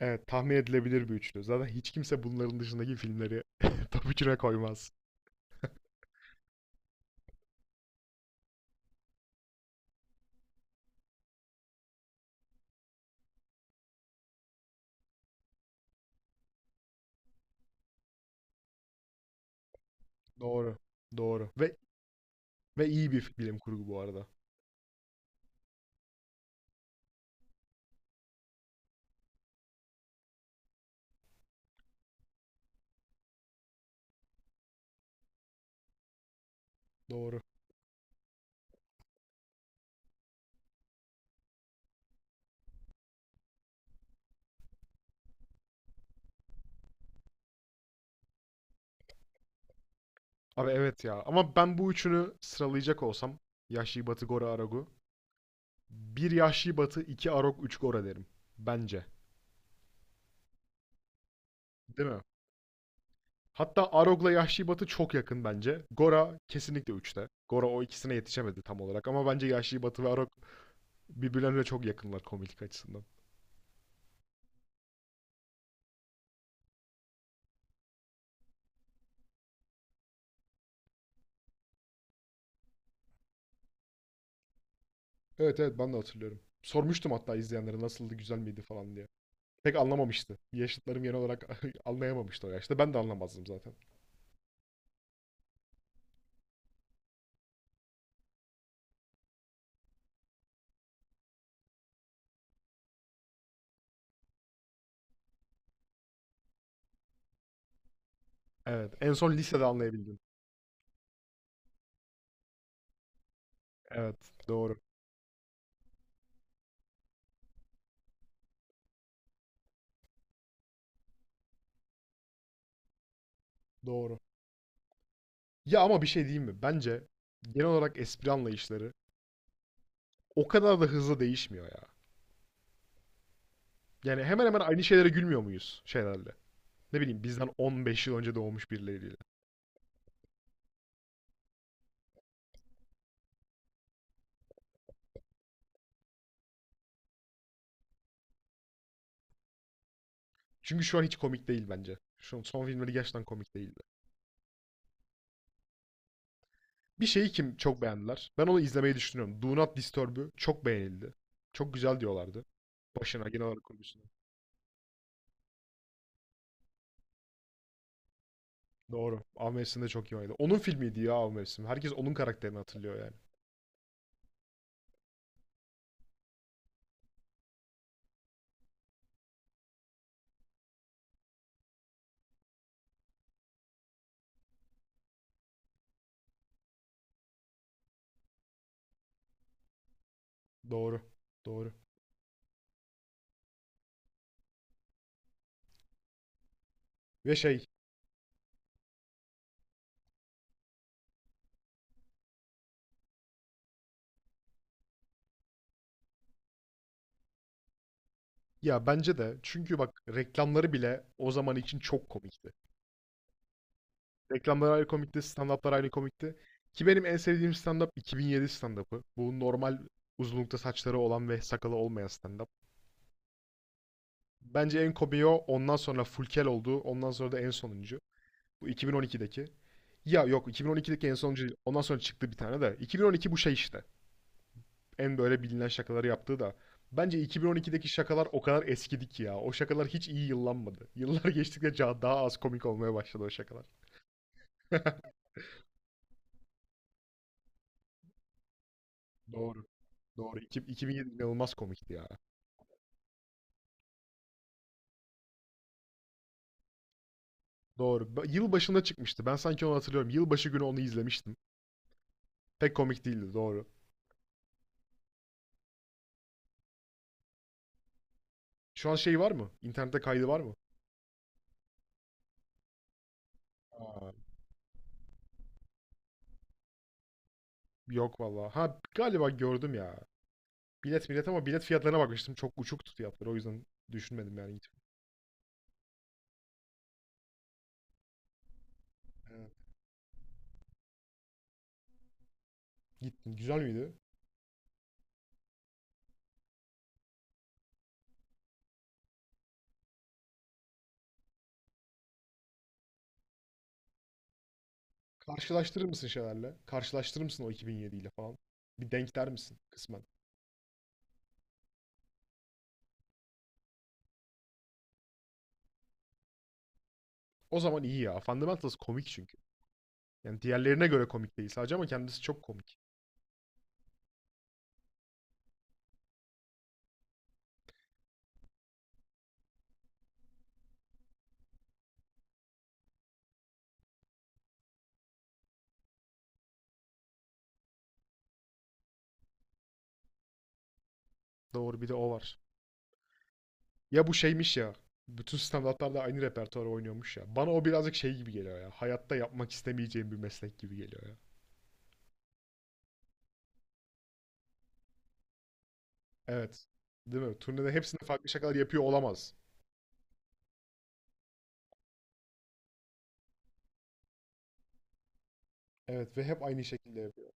Evet, tahmin edilebilir bir üçlü. Zaten hiç kimse bunların dışındaki filmleri top üçüne koymaz. Doğru. Doğru. Ve iyi bir bilim kurgu bu arada. Doğru. Abi evet ya. Ama ben bu üçünü sıralayacak olsam Yahşi Batı, Gora, Aragu. Bir Yahşi Batı, iki Arog, üç Gora derim. Bence. Değil mi? Hatta Arog'la Yahşi Batı çok yakın bence. Gora kesinlikle üçte. Gora o ikisine yetişemedi tam olarak ama bence Yahşi Batı ve Arog birbirlerine çok yakınlar komiklik açısından. Evet evet ben de hatırlıyorum. Sormuştum hatta izleyenlere nasıldı güzel miydi falan diye. Pek anlamamıştı. Yaşıtlarım genel olarak anlayamamıştı o yaşta. Ben de anlamazdım zaten. Evet. En son lisede anlayabildim. Evet. Doğru. Doğru. Ya ama bir şey diyeyim mi? Bence genel olarak espri anlayışları o kadar da hızlı değişmiyor ya. Yani hemen hemen aynı şeylere gülmüyor muyuz şeylerle? Ne bileyim bizden 15 yıl önce doğmuş birileriyle. Çünkü şu an hiç komik değil bence. Şu son filmleri gerçekten komik değildi. Bir şeyi kim çok beğendiler. Ben onu izlemeyi düşünüyorum. Do Not Disturb'ü çok beğenildi. Çok güzel diyorlardı. Başına genel olarak kurgusuna. Doğru. Av mevsiminde çok iyi oynadı. Onun filmiydi ya Av mevsim. Herkes onun karakterini hatırlıyor yani. Doğru. Doğru. Ve şey ya bence de çünkü bak reklamları bile o zaman için çok komikti. Reklamlar ayrı komikti, stand-up'lar ayrı komikti. Ki benim en sevdiğim stand-up 2007 stand-up'ı. Bu normal uzunlukta saçları olan ve sakalı olmayan stand-up. Bence en komiği o. Ondan sonra Fulkel oldu. Ondan sonra da en sonuncu. Bu 2012'deki. Ya yok 2012'deki en sonuncu değil. Ondan sonra çıktı bir tane de. 2012 bu şey işte. En böyle bilinen şakaları yaptığı da. Bence 2012'deki şakalar o kadar eskidi ki ya. O şakalar hiç iyi yıllanmadı. Yıllar geçtikçe daha az komik olmaya başladı o şakalar. Doğru. Doğru. 2007 inanılmaz komikti ya. Doğru. Yıl başında çıkmıştı. Ben sanki onu hatırlıyorum. Yılbaşı günü onu izlemiştim. Pek komik değildi. Doğru. Şu an şey var mı? İnternette kaydı var mı? Aa, yok vallahi. Ha galiba gördüm ya. Bilet ama bilet fiyatlarına bakmıştım. Çok uçuktu fiyatları. O yüzden düşünmedim yani gittim. Evet. Gittin. Güzel miydi? Karşılaştırır mısın şeylerle? Karşılaştırır mısın o 2007 ile falan? Bir denk der misin kısmen? O zaman iyi ya. Fundamentals komik çünkü. Yani diğerlerine göre komik değil sadece ama kendisi çok komik. Doğru bir de o var. Ya bu şeymiş ya. Bütün standartlarda aynı repertuarı oynuyormuş ya. Bana o birazcık şey gibi geliyor ya. Hayatta yapmak istemeyeceğim bir meslek gibi geliyor ya. Evet. Değil mi? Turnede hepsinde farklı şakalar yapıyor olamaz. Evet ve hep aynı şekilde yapıyor.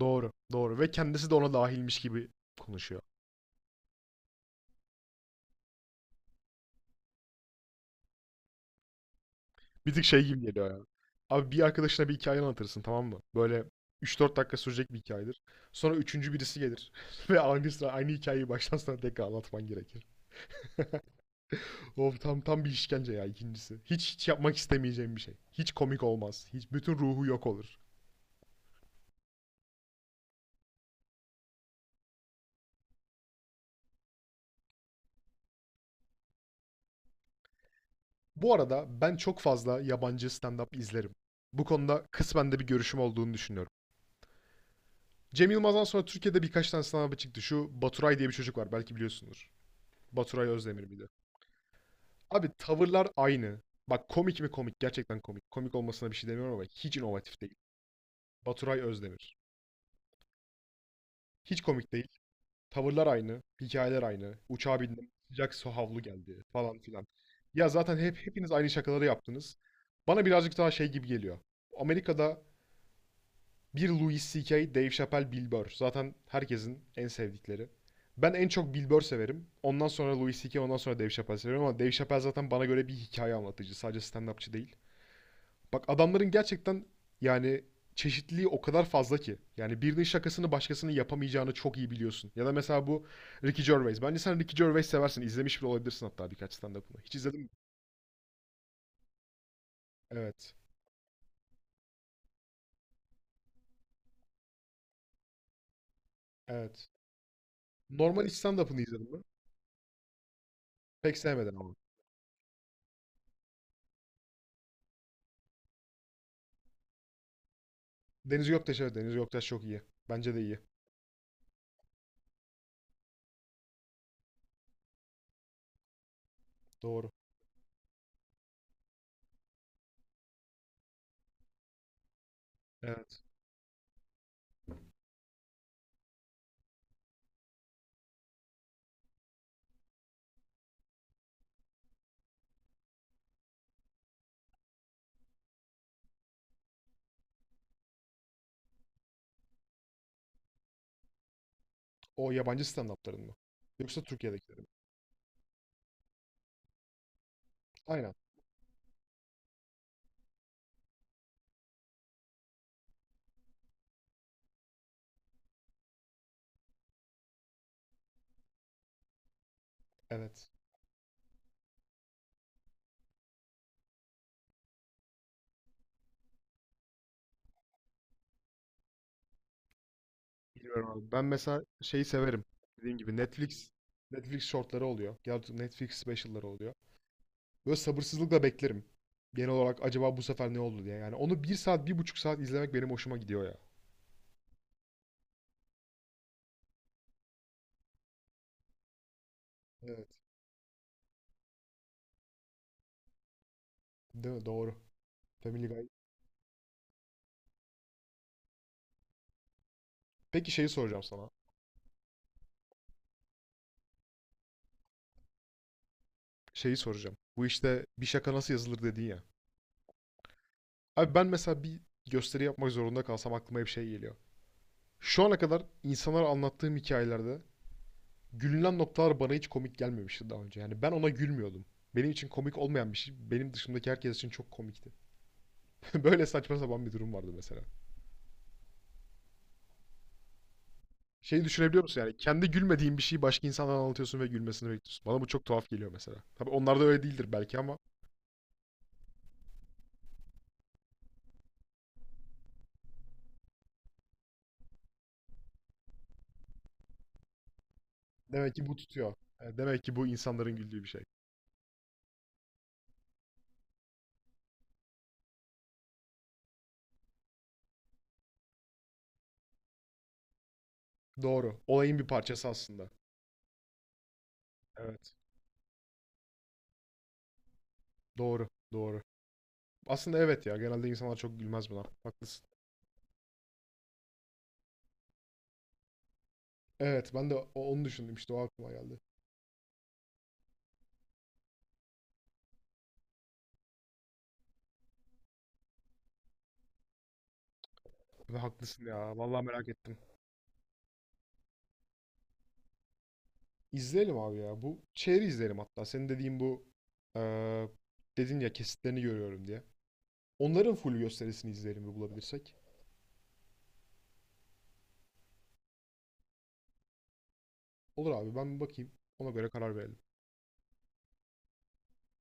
Doğru, doğru. Ve kendisi de ona dahilmiş gibi konuşuyor. Bir tık şey gibi geliyor ya. Abi bir arkadaşına bir hikaye anlatırsın tamam mı? Böyle üç dört dakika sürecek bir hikayedir. Sonra üçüncü birisi gelir. Ve aynı sıra aynı hikayeyi baştan sona tekrar anlatman gerekir. Of tam tam bir işkence ya ikincisi. Hiç yapmak istemeyeceğim bir şey. Hiç komik olmaz. Hiç bütün ruhu yok olur. Bu arada ben çok fazla yabancı stand-up izlerim. Bu konuda kısmen de bir görüşüm olduğunu düşünüyorum. Cem Yılmaz'dan sonra Türkiye'de birkaç tane stand-up'ı çıktı. Şu Baturay diye bir çocuk var belki biliyorsunuz. Baturay Özdemir miydi? Abi tavırlar aynı. Bak komik mi komik? Gerçekten komik. Komik olmasına bir şey demiyorum ama hiç inovatif değil. Baturay Özdemir. Hiç komik değil. Tavırlar aynı, hikayeler aynı. Uçağa bindim, sıcak su havlu geldi falan filan. Ya zaten hep hepiniz aynı şakaları yaptınız. Bana birazcık daha şey gibi geliyor. Amerika'da bir Louis C.K., Dave Chappelle, Bill Burr. Zaten herkesin en sevdikleri. Ben en çok Bill Burr severim. Ondan sonra Louis C.K., ondan sonra Dave Chappelle severim ama Dave Chappelle zaten bana göre bir hikaye anlatıcı. Sadece stand-upçı değil. Bak adamların gerçekten yani çeşitliliği o kadar fazla ki. Yani birinin şakasını başkasının yapamayacağını çok iyi biliyorsun. Ya da mesela bu Ricky Gervais. Bence sen Ricky Gervais seversin. İzlemiş bile olabilirsin hatta birkaç stand-up'ını. Hiç izledin mi? Evet. Evet. Normal hiç stand-up'ını izledim mi? Pek sevmedim ama. Deniz Göktaş evet. Deniz Göktaş çok iyi. Bence de iyi. Doğru. Evet. O yabancı stand-up'ların mı? Yoksa Türkiye'dekilerin mi? Aynen. Evet. Bilmiyorum abi. Ben mesela şeyi severim. Dediğim gibi Netflix shortları oluyor. Ya da Netflix specialları oluyor. Böyle sabırsızlıkla beklerim. Genel olarak acaba bu sefer ne oldu diye. Yani onu bir saat, bir buçuk saat izlemek benim hoşuma gidiyor ya. Evet. Değil mi? Doğru. Family Guy. Peki şeyi soracağım sana. Şeyi soracağım. Bu işte bir şaka nasıl yazılır dedin ya. Abi ben mesela bir gösteri yapmak zorunda kalsam aklıma hep şey geliyor. Şu ana kadar insanlara anlattığım hikayelerde gülünen noktalar bana hiç komik gelmemişti daha önce. Yani ben ona gülmüyordum. Benim için komik olmayan bir şey benim dışımdaki herkes için çok komikti. Böyle saçma sapan bir durum vardı mesela. Şeyi düşünebiliyor musun yani? Kendi gülmediğin bir şeyi başka insanlara anlatıyorsun ve gülmesini bekliyorsun. Bana bu çok tuhaf geliyor mesela. Tabii onlarda öyle değildir belki ama demek ki bu tutuyor. E, demek ki bu insanların güldüğü bir şey. Doğru. Olayın bir parçası aslında. Evet. Doğru. Doğru. Aslında evet ya. Genelde insanlar çok gülmez buna. Haklısın. Evet ben de onu düşündüm işte o aklıma geldi. Ve haklısın ya. Vallahi merak ettim. İzleyelim abi ya. Bu şeyi izleyelim hatta. Senin dediğin bu eee dedin ya kesitlerini görüyorum diye. Onların full gösterisini izleyelim bir bulabilirsek. Olur abi ben bir bakayım. Ona göre karar verelim.